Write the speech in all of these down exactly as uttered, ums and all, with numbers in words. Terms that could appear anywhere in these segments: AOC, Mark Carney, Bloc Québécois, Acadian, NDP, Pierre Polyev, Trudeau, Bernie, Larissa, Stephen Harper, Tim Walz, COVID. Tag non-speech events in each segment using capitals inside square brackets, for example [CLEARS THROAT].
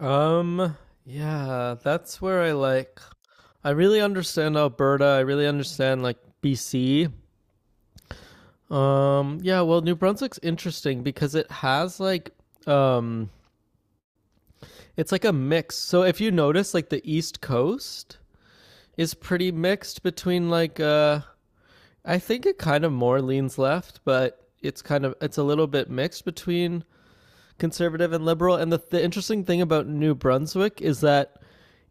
Um, yeah, that's where I like I really understand Alberta. I really understand like B C. Um, yeah, well, New Brunswick's interesting because it has like um it's like a mix. So if you notice like the East Coast is pretty mixed between like uh I think it kind of more leans left, but it's kind of it's a little bit mixed between conservative and liberal. And the, the interesting thing about New Brunswick is that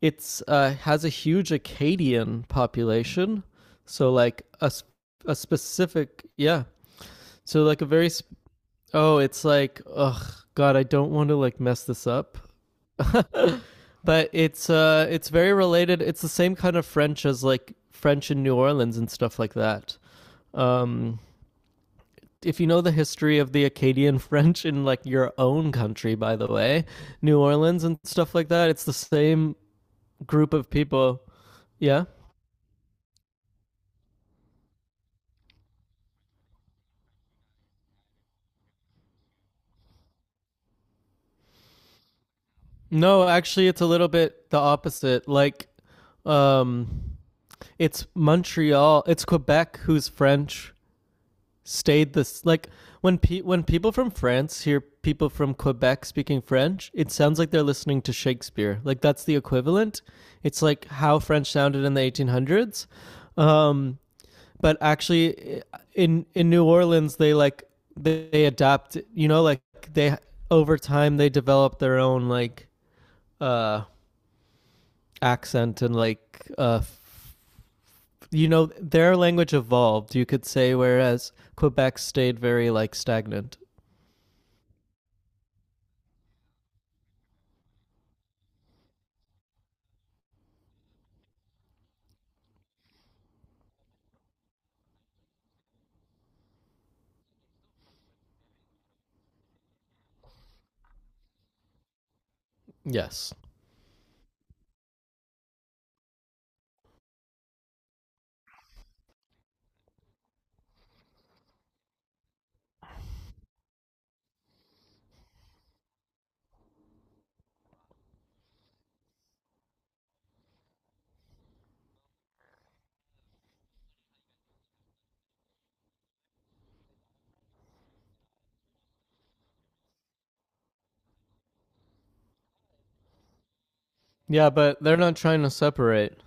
it's uh, has a huge Acadian population. So like a a specific, yeah. So like a very, oh, it's like, ugh, God, I don't want to like mess this up. But it's uh it's very related. It's the same kind of French as like French in New Orleans and stuff like that. Um, if you know the history of the Acadian [LAUGHS] French in like your own country, by the way, New Orleans and stuff like that, it's the same group of people. Yeah. No, actually, it's a little bit the opposite. Like, um, it's Montreal, it's Quebec who's French stayed this like when pe- when people from France hear people from Quebec speaking French, it sounds like they're listening to Shakespeare. Like that's the equivalent. It's like how French sounded in the eighteen hundreds. Um, but actually in in New Orleans they like they, they adapt, you know, like they, over time they develop their own like uh accent and like, uh you know, their language evolved, you could say, whereas Quebec stayed very like stagnant. Yes. Yeah, but they're not trying to separate.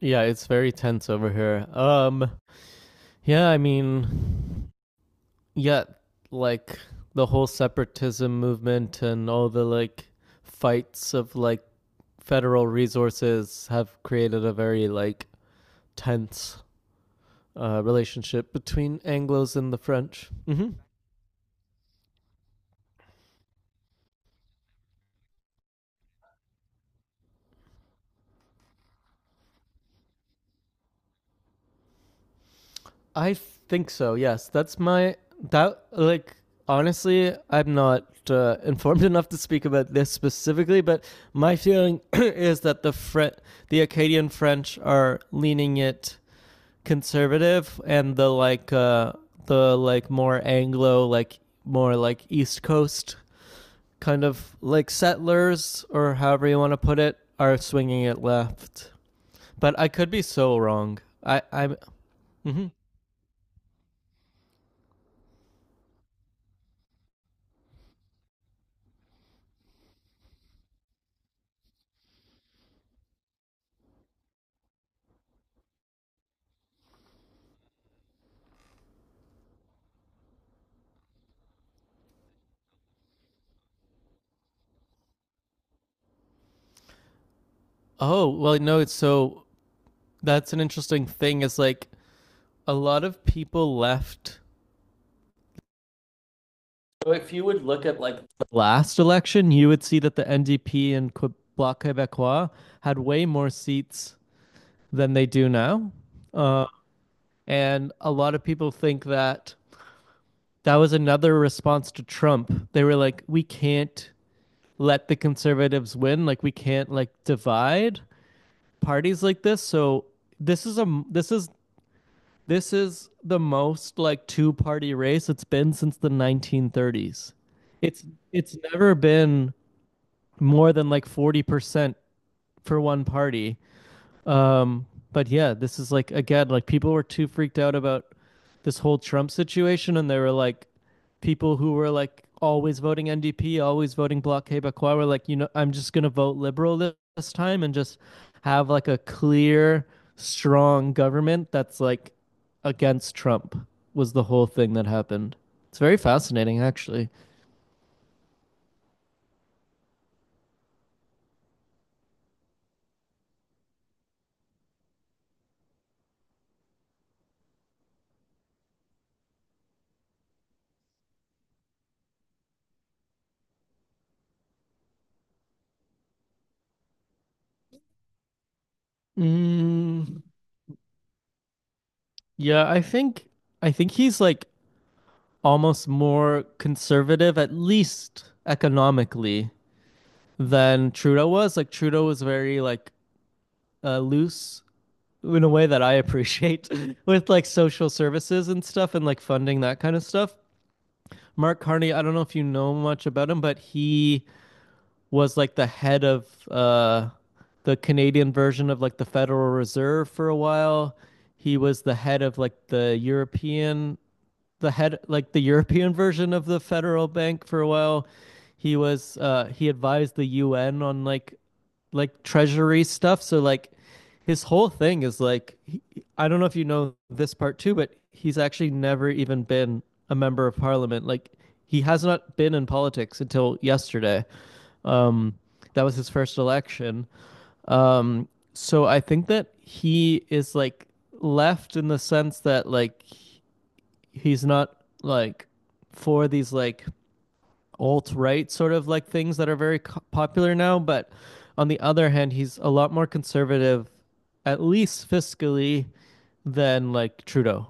Yeah, it's very tense over here. Um yeah, I mean, yet, like the whole separatism movement and all the like fights of like federal resources have created a very like tense uh, relationship between Anglo's and the French. hmm I think so. Yes, that's my that like honestly, I'm not uh, informed [LAUGHS] enough to speak about this specifically, but my feeling [CLEARS THROAT] is that the Fre- the Acadian French are leaning it conservative and the like uh the like more Anglo, like more like East Coast kind of like settlers or however you want to put it are swinging it left. But I could be so wrong. I I'm hmm Oh, well no, it's so that's an interesting thing is like a lot of people left, so if you would look at like the last election, you would see that the N D P and Bloc Québécois had way more seats than they do now. Uh, and a lot of people think that that was another response to Trump. They were like, we can't let the conservatives win. Like we can't like divide parties like this. So this is a this is this is the most like two party race it's been since the nineteen thirties. It's it's never been more than like forty percent for one party. Um, but yeah, this is like again, like people were too freaked out about this whole Trump situation, and they were like, people who were like always voting N D P, always voting Bloc Québécois, were like, you know, I'm just gonna vote liberal this time and just have like a clear, strong government that's like against Trump. Was the whole thing that happened? It's very fascinating, actually. Mm, yeah, I think I think he's like almost more conservative, at least economically, than Trudeau was. Like Trudeau was very like uh, loose in a way that I appreciate [LAUGHS] with like social services and stuff and like funding that kind of stuff. Mark Carney, I don't know if you know much about him, but he was like the head of uh, the Canadian version of like the Federal Reserve for a while. He was the head of like the European the head like the European [LAUGHS] version of the Federal Bank for a while. He was uh he advised the U N on like like treasury stuff. So like his whole thing is like he, I don't know if you know this part too, but he's actually never even been a member of parliament. Like he has not been in politics until yesterday. Um that was his first election. Um so I think that he is like left in the sense that like he's not like for these like alt right sort of like things that are very co- popular now. But on the other hand, he's a lot more conservative, at least fiscally, than like Trudeau.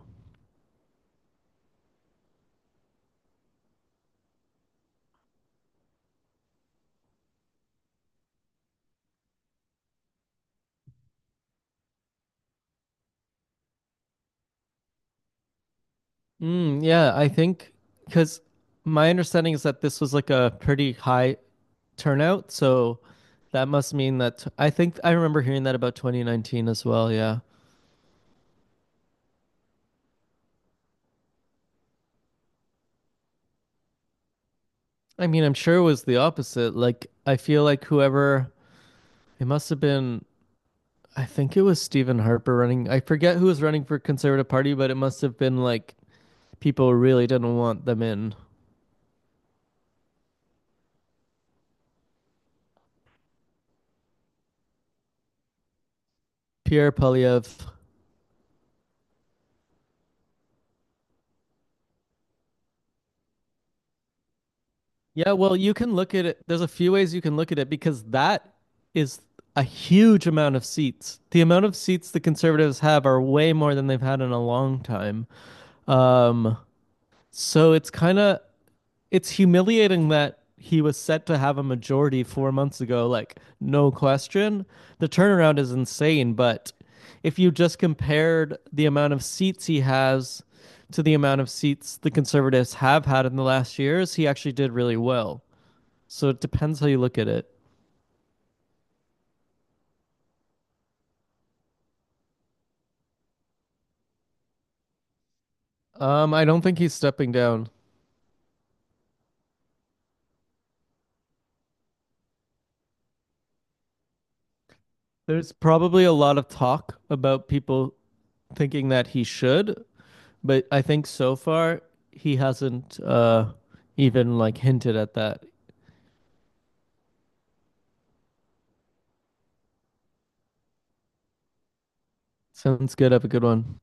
Mm, yeah, I think because my understanding is that this was like a pretty high turnout, so that must mean that t- I think I remember hearing that about twenty nineteen as well. Yeah, I mean, I'm sure it was the opposite. Like, I feel like whoever it must have been I think it was Stephen Harper running. I forget who was running for Conservative Party, but it must have been like people really didn't want them in. Pierre Polyev. Yeah, well, you can look at it. There's a few ways you can look at it because that is a huge amount of seats. The amount of seats the conservatives have are way more than they've had in a long time. Um, so it's kind of it's humiliating that he was set to have a majority four months ago, like no question. The turnaround is insane, but if you just compared the amount of seats he has to the amount of seats the conservatives have had in the last years, he actually did really well. So it depends how you look at it. Um, I don't think he's stepping down. There's probably a lot of talk about people thinking that he should, but I think so far he hasn't uh even like hinted at that. Sounds good. Have a good one.